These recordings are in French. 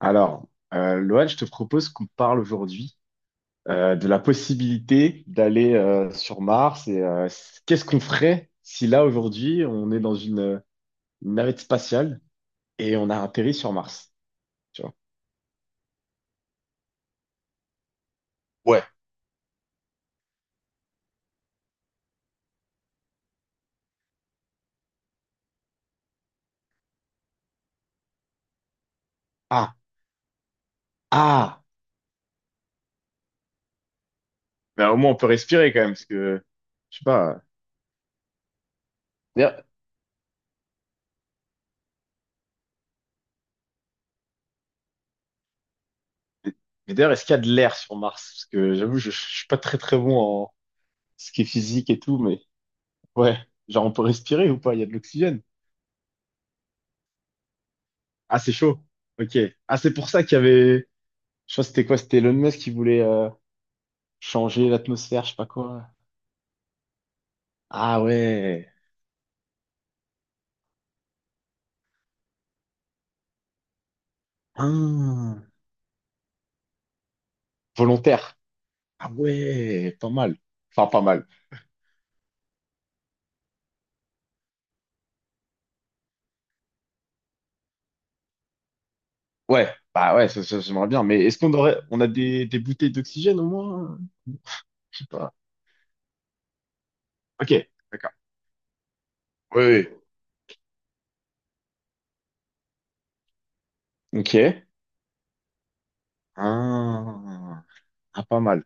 Alors, Loan, je te propose qu'on parle aujourd'hui de la possibilité d'aller sur Mars et qu'est-ce qu'on ferait si là, aujourd'hui, on est dans une navette spatiale et on a atterri sur Mars, tu vois. Ouais. Ah, ah, ben, au moins on peut respirer quand même, parce que, je sais pas, d'ailleurs- mais d'ailleurs, est-ce qu'il y a de l'air sur Mars? Parce que j'avoue, je suis pas très très bon en ce qui est physique et tout, mais ouais, genre on peut respirer ou pas? Il y a de l'oxygène. Ah, c'est chaud. Ok. Ah, c'est pour ça qu'il y avait. Je sais que c'était quoi? C'était Elon Musk qui voulait changer l'atmosphère, je sais pas quoi. Ah ouais. Ah. Volontaire. Ah ouais, pas mal. Enfin, pas mal. Ouais, bah ouais, ça, j'aimerais bien. Mais est-ce qu'on aurait, on a des bouteilles d'oxygène au moins? Je sais pas. Ok, d'accord. Oui, oui. Ok. Ah, ah, pas mal.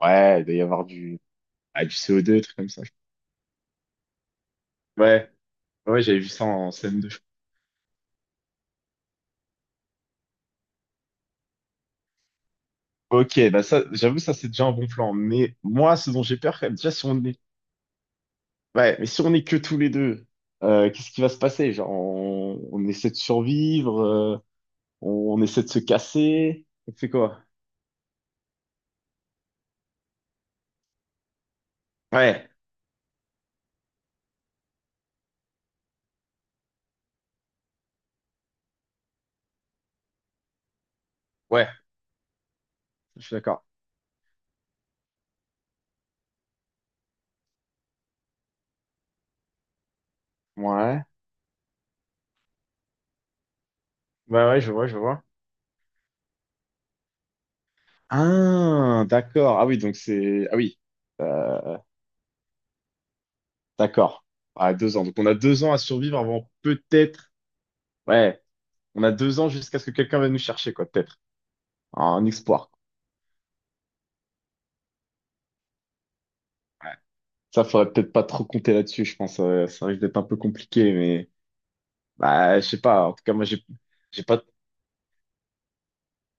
Ouais, il doit y avoir du, ah, du CO2, des trucs comme ça. Ouais, ouais, j'avais vu ça en scène de. Ok, bah ça, j'avoue, ça c'est déjà un bon plan. Mais moi, ce dont j'ai peur quand même, déjà, si on est. Ouais, mais si on est que tous les deux, qu'est-ce qui va se passer? Genre, on essaie de survivre, on essaie de se casser, on fait quoi? Ouais, ouais, je suis d'accord. Ouais, ouais, ouais, je vois. Ah, d'accord. Ah oui, donc c'est... Ah oui, euh, d'accord. Ah, deux ans. Donc on a 2 ans à survivre avant peut-être... Ouais, on a deux ans jusqu'à ce que quelqu'un vienne nous chercher, quoi, peut-être. Un espoir. Ouais. Ça, faudrait peut-être pas trop compter là-dessus, je pense. Ça risque d'être un peu compliqué, mais... Bah, je sais pas. En tout cas, moi, j'ai pas.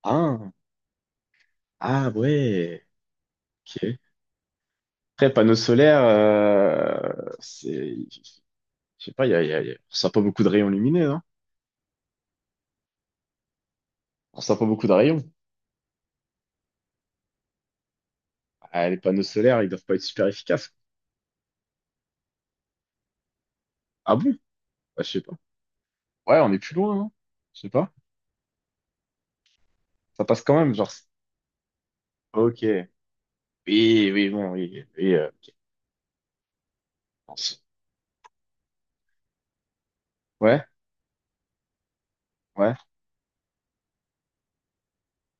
Ah, ah ouais. Ok. Après, panneau solaire, c'est, je sais pas. Il on sent pas beaucoup de rayons lumineux, hein. On sent pas beaucoup de rayons. Ah, les panneaux solaires, ils doivent pas être super efficaces. Ah bon? Bah, je sais pas. Ouais, on est plus loin, hein. Je sais pas. Ça passe quand même, genre. Ok. Oui, oui, bon, oui, oui. On s- Ouais, ouais.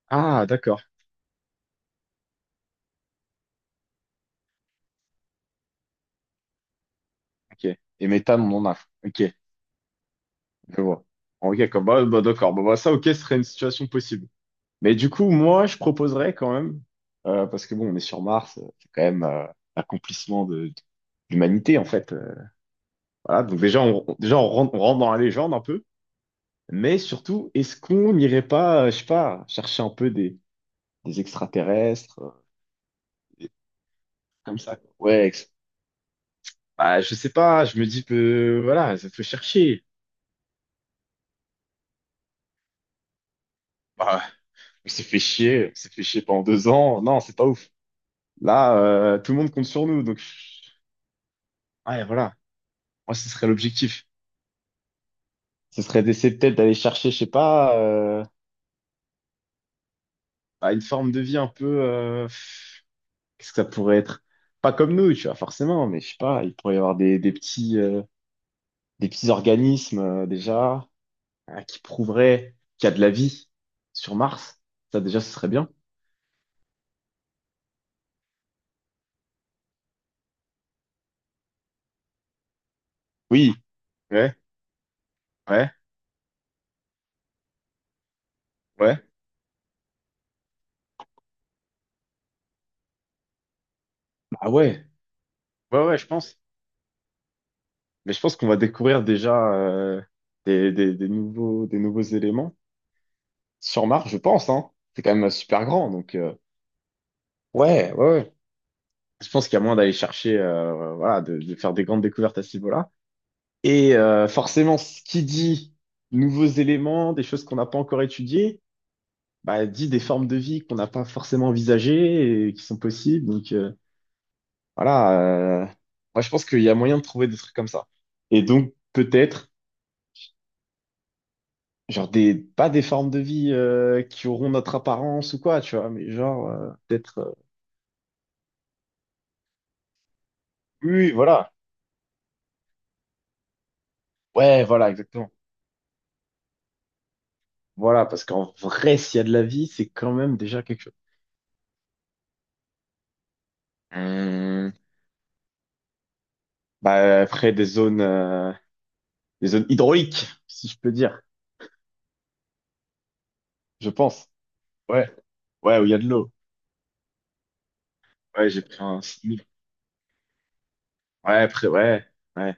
Ah, d'accord. Ok. Et méthane, on en a. Ok. Je vois. Ok, comme bah, d'accord. Bah, ça, ok, ce serait une situation possible. Mais du coup, moi, je proposerais quand même, parce que bon, on est sur Mars, c'est quand même l'accomplissement de l'humanité, en fait. Voilà, donc déjà, on rentre dans la légende un peu, mais surtout, est-ce qu'on n'irait pas, je sais pas, chercher un peu des extraterrestres, des trucs comme ça. Quoi. Bah, je sais pas, je me dis que, voilà, ça peut chercher. Bah, on s'est fait chier pendant 2 ans, non, c'est pas ouf. Là, tout le monde compte sur nous, donc, ouais, voilà, moi, ce serait l'objectif. Ce serait d'essayer peut-être d'aller chercher, je sais pas, à une forme de vie un peu. Qu'est-ce que ça pourrait être? Pas comme nous, tu vois, forcément, mais je sais pas, il pourrait y avoir des petits organismes déjà qui prouveraient qu'il y a de la vie sur Mars. Ça, déjà, ce serait bien. Oui, ouais, ouais, ouais. Ah ouais, ouais, ouais, je pense. Mais je pense qu'on va découvrir déjà des nouveaux éléments sur Mars, je pense, hein. C'est quand même super grand, donc. Ouais, ouais, ouais. Je pense qu'il y a moyen d'aller chercher, voilà, de faire des grandes découvertes à ce niveau-là. Et forcément, ce qui dit nouveaux éléments, des choses qu'on n'a pas encore étudiées, bah, dit des formes de vie qu'on n'a pas forcément envisagées et qui sont possibles. Donc voilà, moi je pense qu'il y a moyen de trouver des trucs comme ça. Et donc peut-être, pas des formes de vie qui auront notre apparence ou quoi, tu vois, mais genre oui, oui, voilà, ouais, voilà, exactement. Voilà, parce qu'en vrai, s'il y a de la vie, c'est quand même déjà quelque chose. Hum, bah, elle ferait des zones hydrauliques, si je peux dire, je pense. Ouais, ouais, où il y a de l'eau. Ouais, j'ai pris un simili. Ouais, après, ouais, ouais.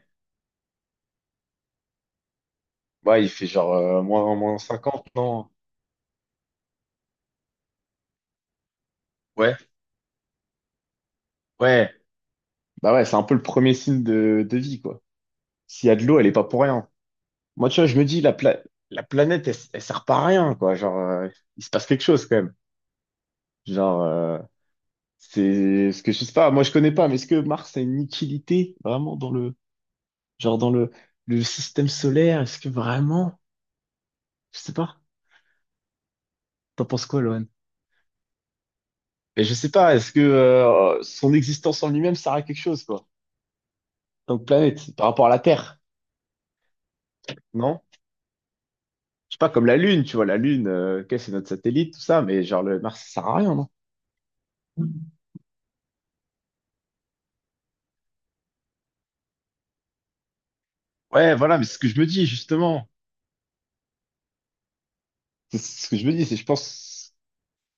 Ouais, il fait genre euh, -50 non? Ouais, ouais. Bah ouais, c'est un peu le premier signe de vie, quoi. S'il y a de l'eau, elle est pas pour rien. Moi, tu vois, je me dis, la, pla- la planète, elle sert pas à rien, quoi. Genre, il se passe quelque chose, quand même. Genre, c'est ce que je sais pas. Moi, je connais pas, mais est-ce que Mars a une utilité vraiment dans le. Genre dans le, le système solaire, est-ce que vraiment? Je sais pas. T'en penses quoi, Loan? Mais je sais pas, est-ce que son existence en lui-même sert à quelque chose, quoi? En tant que planète, par rapport à la Terre, non? Je sais pas, comme la Lune, tu vois, la Lune, ok, c'est notre satellite, tout ça, mais genre le Mars, ça sert à rien, non? Ouais, voilà, mais c'est ce que je me dis, justement. C'est ce que je me dis, c'est je pense.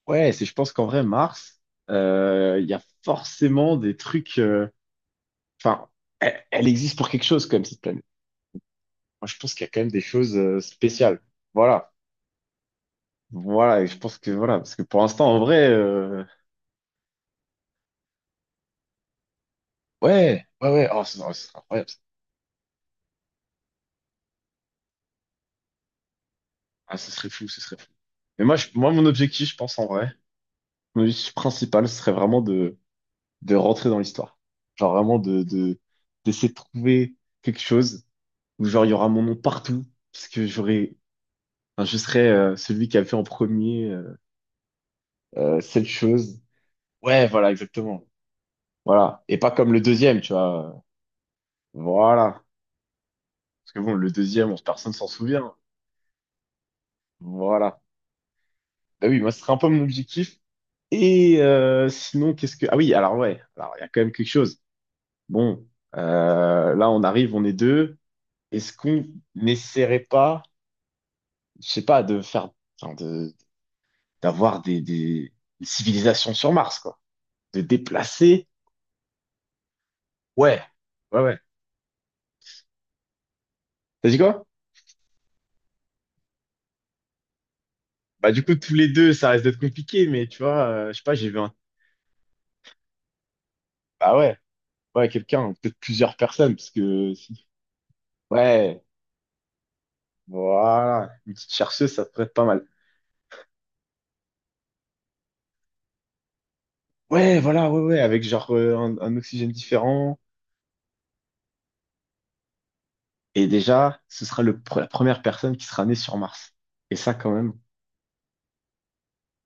Ouais, c'est je pense qu'en vrai, Mars, il y a forcément des trucs. Enfin, elle existe pour quelque chose, quand même, cette planète. Moi, je pense qu'il y a quand même des choses spéciales. Voilà. Voilà. Et je pense que voilà. Parce que pour l'instant, en vrai, ouais, ouais, ouais. Oh, ce serait incroyable. Ça. Ah, ce serait fou, ce serait fou. Mais moi, mon objectif, je pense en vrai, mon objectif principal, ce serait vraiment de rentrer dans l'histoire. Genre vraiment d'essayer de trouver quelque chose où genre il y aura mon nom partout. Parce que j'aurais, enfin, je serais celui qui a fait en premier cette chose. Ouais, voilà, exactement. Voilà. Et pas comme le deuxième, tu vois. Voilà. Parce que bon, le deuxième, personne s'en souvient. Voilà. Bah oui, moi, ce serait un peu mon objectif. Et sinon, qu'est-ce que... Ah oui, alors ouais, alors il y a quand même quelque chose. Bon, là, on arrive, on est deux. Est-ce qu'on n'essaierait pas, je sais pas, de faire, enfin, d'avoir des civilisations sur Mars, quoi. De déplacer. Ouais, ouais, ouais. T'as dit quoi? Bah du coup, tous les deux, ça reste d'être compliqué, mais tu vois, je sais pas, j'ai vu un... Bah ouais, ouais, quelqu'un, peut-être plusieurs personnes, parce que... si- Ouais. Voilà, une petite chercheuse, ça te prête pas mal. Ouais, voilà, ouais, ouais, avec genre un oxygène différent. Et déjà, ce sera la première personne qui sera née sur Mars. Et ça, quand même.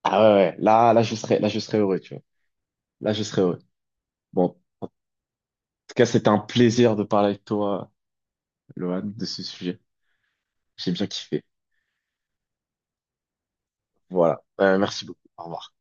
Ah ouais, ouais, là, je serais heureux, tu vois. Là, je serais heureux. Bon, en tout cas, c'était un plaisir de parler avec toi, Lohan, de ce sujet. J'ai bien kiffé. Voilà. Merci beaucoup. Au revoir.